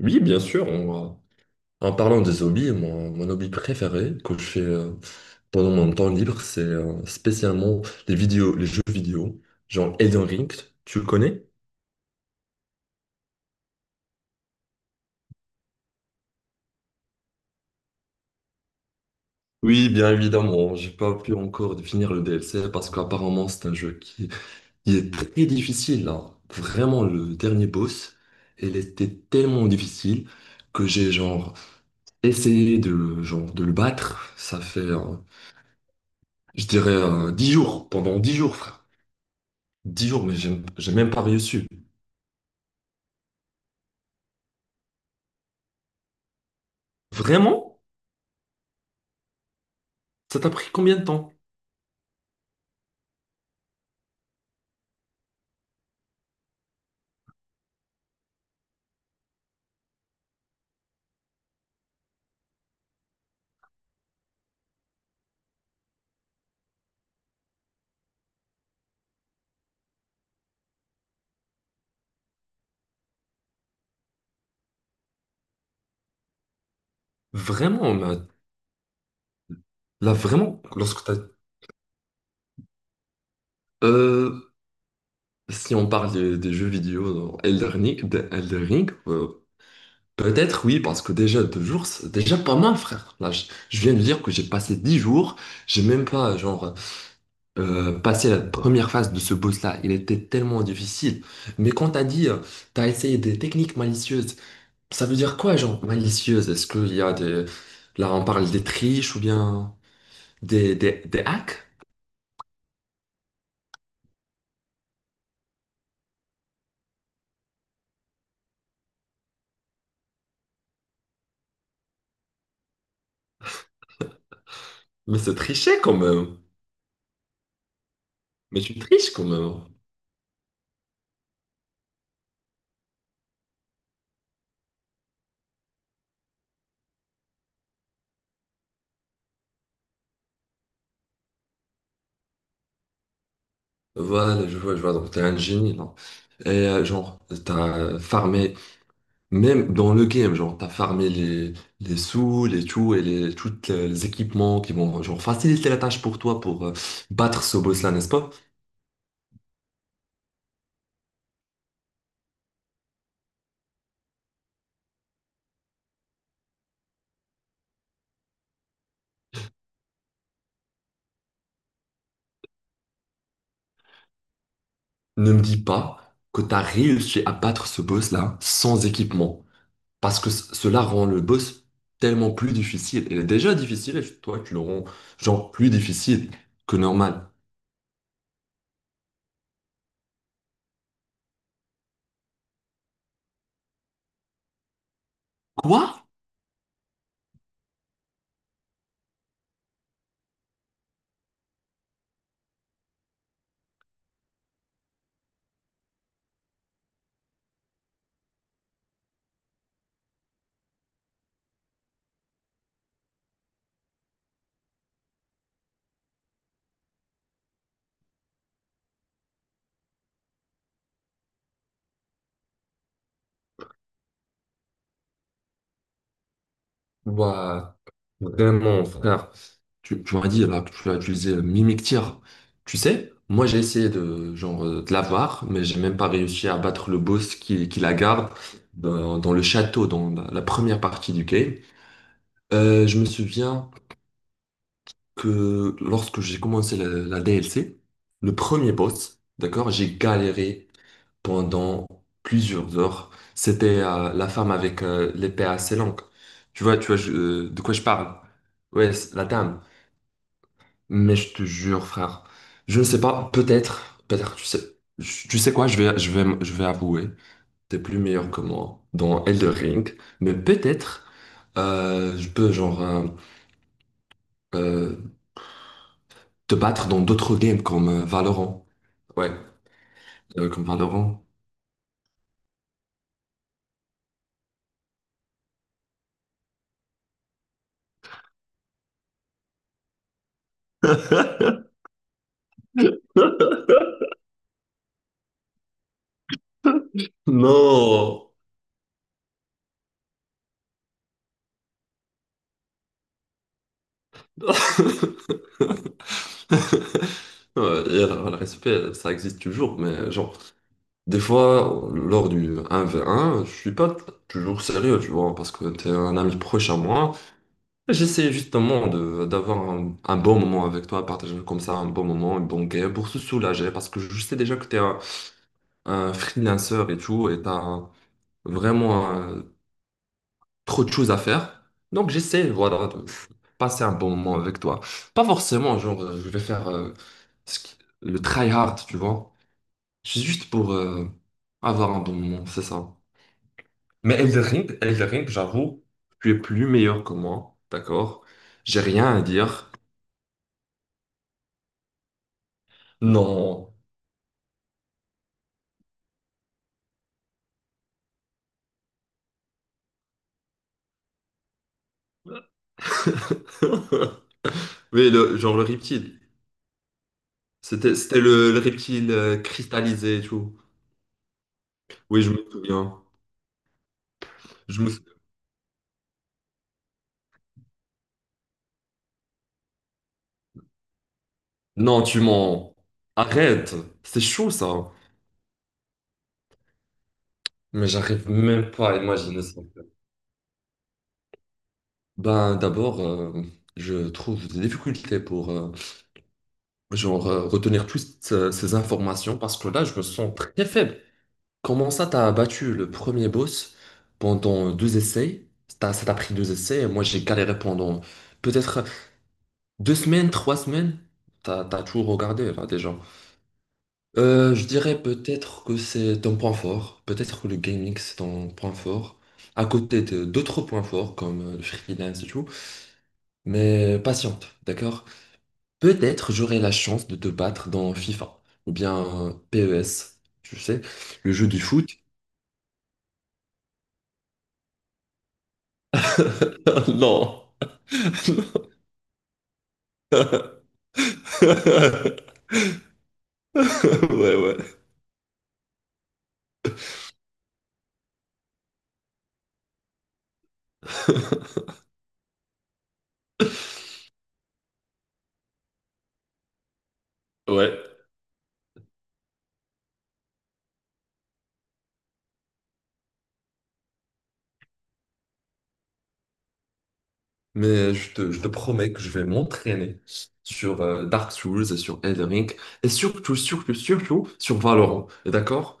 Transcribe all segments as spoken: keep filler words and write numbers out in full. Oui, bien sûr. On- en parlant des hobbies, mon, mon hobby préféré que je fais euh, pendant mon temps libre, c'est euh, spécialement les vidéos, les jeux vidéo, genre Elden Ring, tu le connais? Oui, bien évidemment. J'ai pas pu encore définir le D L C parce qu'apparemment c'est un jeu qui, qui est très difficile, hein. Vraiment, le dernier boss, il était tellement difficile que j'ai genre essayé de, genre, de le battre. Ça fait, euh, je dirais, euh, dix jours, pendant dix jours, frère. Dix jours, mais j'ai j'ai même pas reçu. Vraiment? Ça t'a pris combien de temps? Vraiment, là, là, vraiment, lorsque t'as... Euh, Si on parle des, des jeux vidéo dans Elden Ring, de- Elden Ring, euh, peut-être oui, parce que déjà deux jours, c'est déjà pas mal, frère. Là, je, je viens de dire que j'ai passé dix jours, j'ai même pas, genre, euh, passé la première phase de ce boss-là. Il était tellement difficile. Mais quand t'as dit, euh, t'as essayé des techniques malicieuses. Ça veut dire quoi, genre malicieuse? Est-ce qu'il y a des... Là, on parle des triches ou bien des, des, des hacks? Mais c'est tricher quand même. Mais tu triches quand même. Voilà, je vois, je vois. Donc, t'es un génie, non? Et euh, genre, t'as farmé, même dans le game, genre, t'as farmé les, les sous, les tout et les, tous les équipements qui vont, genre, faciliter la tâche pour toi pour euh, battre ce boss-là, n'est-ce pas? Ne me dis pas que t'as réussi à battre ce boss-là sans équipement. Parce que c- cela rend le boss tellement plus difficile. Il est déjà difficile et toi, tu le rends genre plus difficile que normal. Quoi? Bah vraiment, frère. Tu, tu m'as dit là que tu as utilisé le mimictir. Tu sais, moi j'ai essayé de genre euh, de l'avoir, mais j'ai même pas réussi à battre le boss qui, qui la garde dans, dans le château, dans la, la première partie du game. Euh, je me souviens que lorsque j'ai commencé la, la D L C, le premier boss, d'accord, j'ai galéré pendant plusieurs heures. C'était euh, la femme avec euh, l'épée assez longue. Tu vois, tu vois je- euh, de quoi je parle? Ouais, c'est la dame. Mais je te jure, frère, je ne sais pas, peut-être, peut-être, tu sais, je- tu sais quoi, je vais, je vais, je vais avouer, t'es plus meilleur que moi dans Elder Ring, mais peut-être, euh, je peux, genre, euh, euh, te battre dans d'autres games comme euh, Valorant. Ouais, euh, comme Valorant. Non! Ouais, et alors, le respect, ça existe toujours, mais genre, des fois, lors du un v un je suis pas t- toujours sérieux, tu vois, parce que t'es un ami proche à moi. Et j'essaie justement de d'avoir un, un bon moment avec toi, partager comme ça un bon moment, une bonne game, pour se soulager, parce que je sais déjà que t'es un, un freelancer et tout, et t'as vraiment euh, trop de choses à faire. Donc j'essaie, voilà, de passer un bon moment avec toi. Pas forcément, genre, je vais faire euh, ce qui- le try hard, tu vois. C'est juste pour euh, avoir un bon moment, c'est ça. Mais Elden Ring, Elden Ring, j'avoue, tu es plus meilleur que moi, d'accord? J'ai rien à dire. Non. Oui, le, genre le reptile. C'était, c'était le, le reptile euh, cristallisé et tout. Oui, je me souviens. Je me sou- Non, tu mens. Arrête. C'est chaud, ça. Mais j'arrive même pas à imaginer ça. Ben, d'abord, euh, je trouve des difficultés pour euh, genre euh, retenir toutes ce- ces informations parce que là, je me sens très faible. Comment ça, t'as battu le premier boss pendant deux essais? T'as- ça t'a pris deux essais et moi, j'ai galéré pendant peut-être deux semaines, trois semaines. T'as, t'as tout regardé là déjà. Euh, je dirais peut-être que c'est ton point fort. Peut-être que le gaming, c'est ton point fort. À côté de d'autres points forts comme euh, le freelance et tout. Mais patiente, d'accord? Peut-être j'aurai la chance de te battre dans FIFA ou bien euh, P E S, tu sais, le jeu du foot. Non. Ouais, ouais. Ouais. Mais je te, je te promets que je vais m'entraîner sur euh, Dark Souls et sur Elden Ring et surtout, surtout, surtout sur Valorant. D'accord?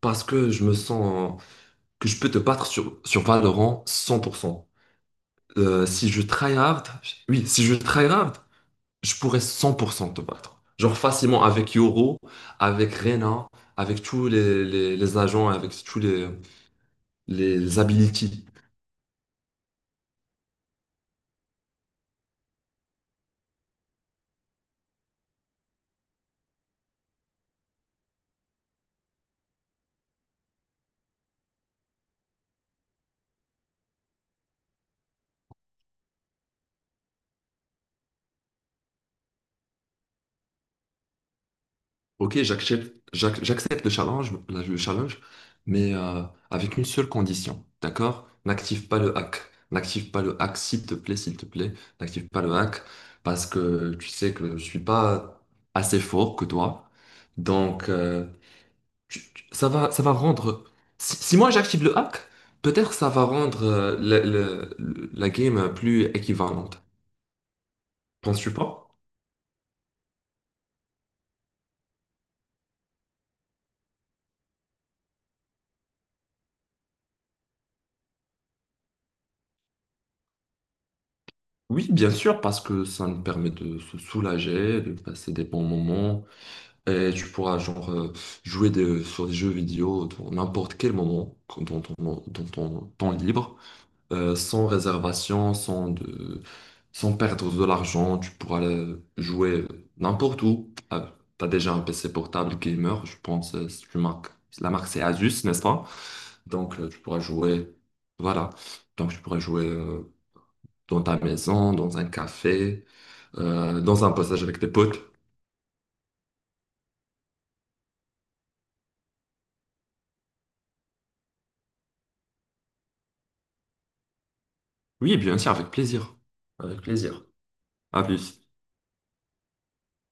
Parce que je me sens que je peux te battre sur, sur Valorant cent pour cent. Euh, si je tryhard, oui, si je tryhard, je pourrais cent pour cent te battre. Genre facilement avec Yoro, avec Rena, avec tous les, les, les agents, avec tous les, les abilities. Ok, j'accepte, j'ac- j'accepte le challenge, la- le challenge, mais euh, avec une seule condition, d'accord? N'active pas le hack. N'active pas le hack, s'il te plaît, s'il te plaît. N'active pas le hack, parce que tu sais que je suis pas assez fort que toi. Donc, euh, tu- tu- ça va, ça va rendre. Si, si moi j'active le hack, peut-être ça va rendre euh, le- le- le- la game plus équivalente. Penses-tu pas? Oui, bien sûr, parce que ça nous permet de se soulager, de passer des bons moments, et tu pourras genre euh, jouer des- sur des jeux vidéo dans n'importe quel moment, dans ton, dans ton temps libre. Euh, sans réservation, sans, de, sans perdre de l'argent. Tu pourras le- jouer n'importe où. Ah, t'as déjà un P C portable gamer, je pense, euh, c'est une marque. La marque, c'est Asus, n'est-ce pas? Donc, euh, tu pourras jouer. Voilà. Donc, tu pourras jouer euh, dans ta maison, dans un café, euh, dans un passage avec tes potes. Oui, bien sûr, avec plaisir. Avec plaisir. À plus.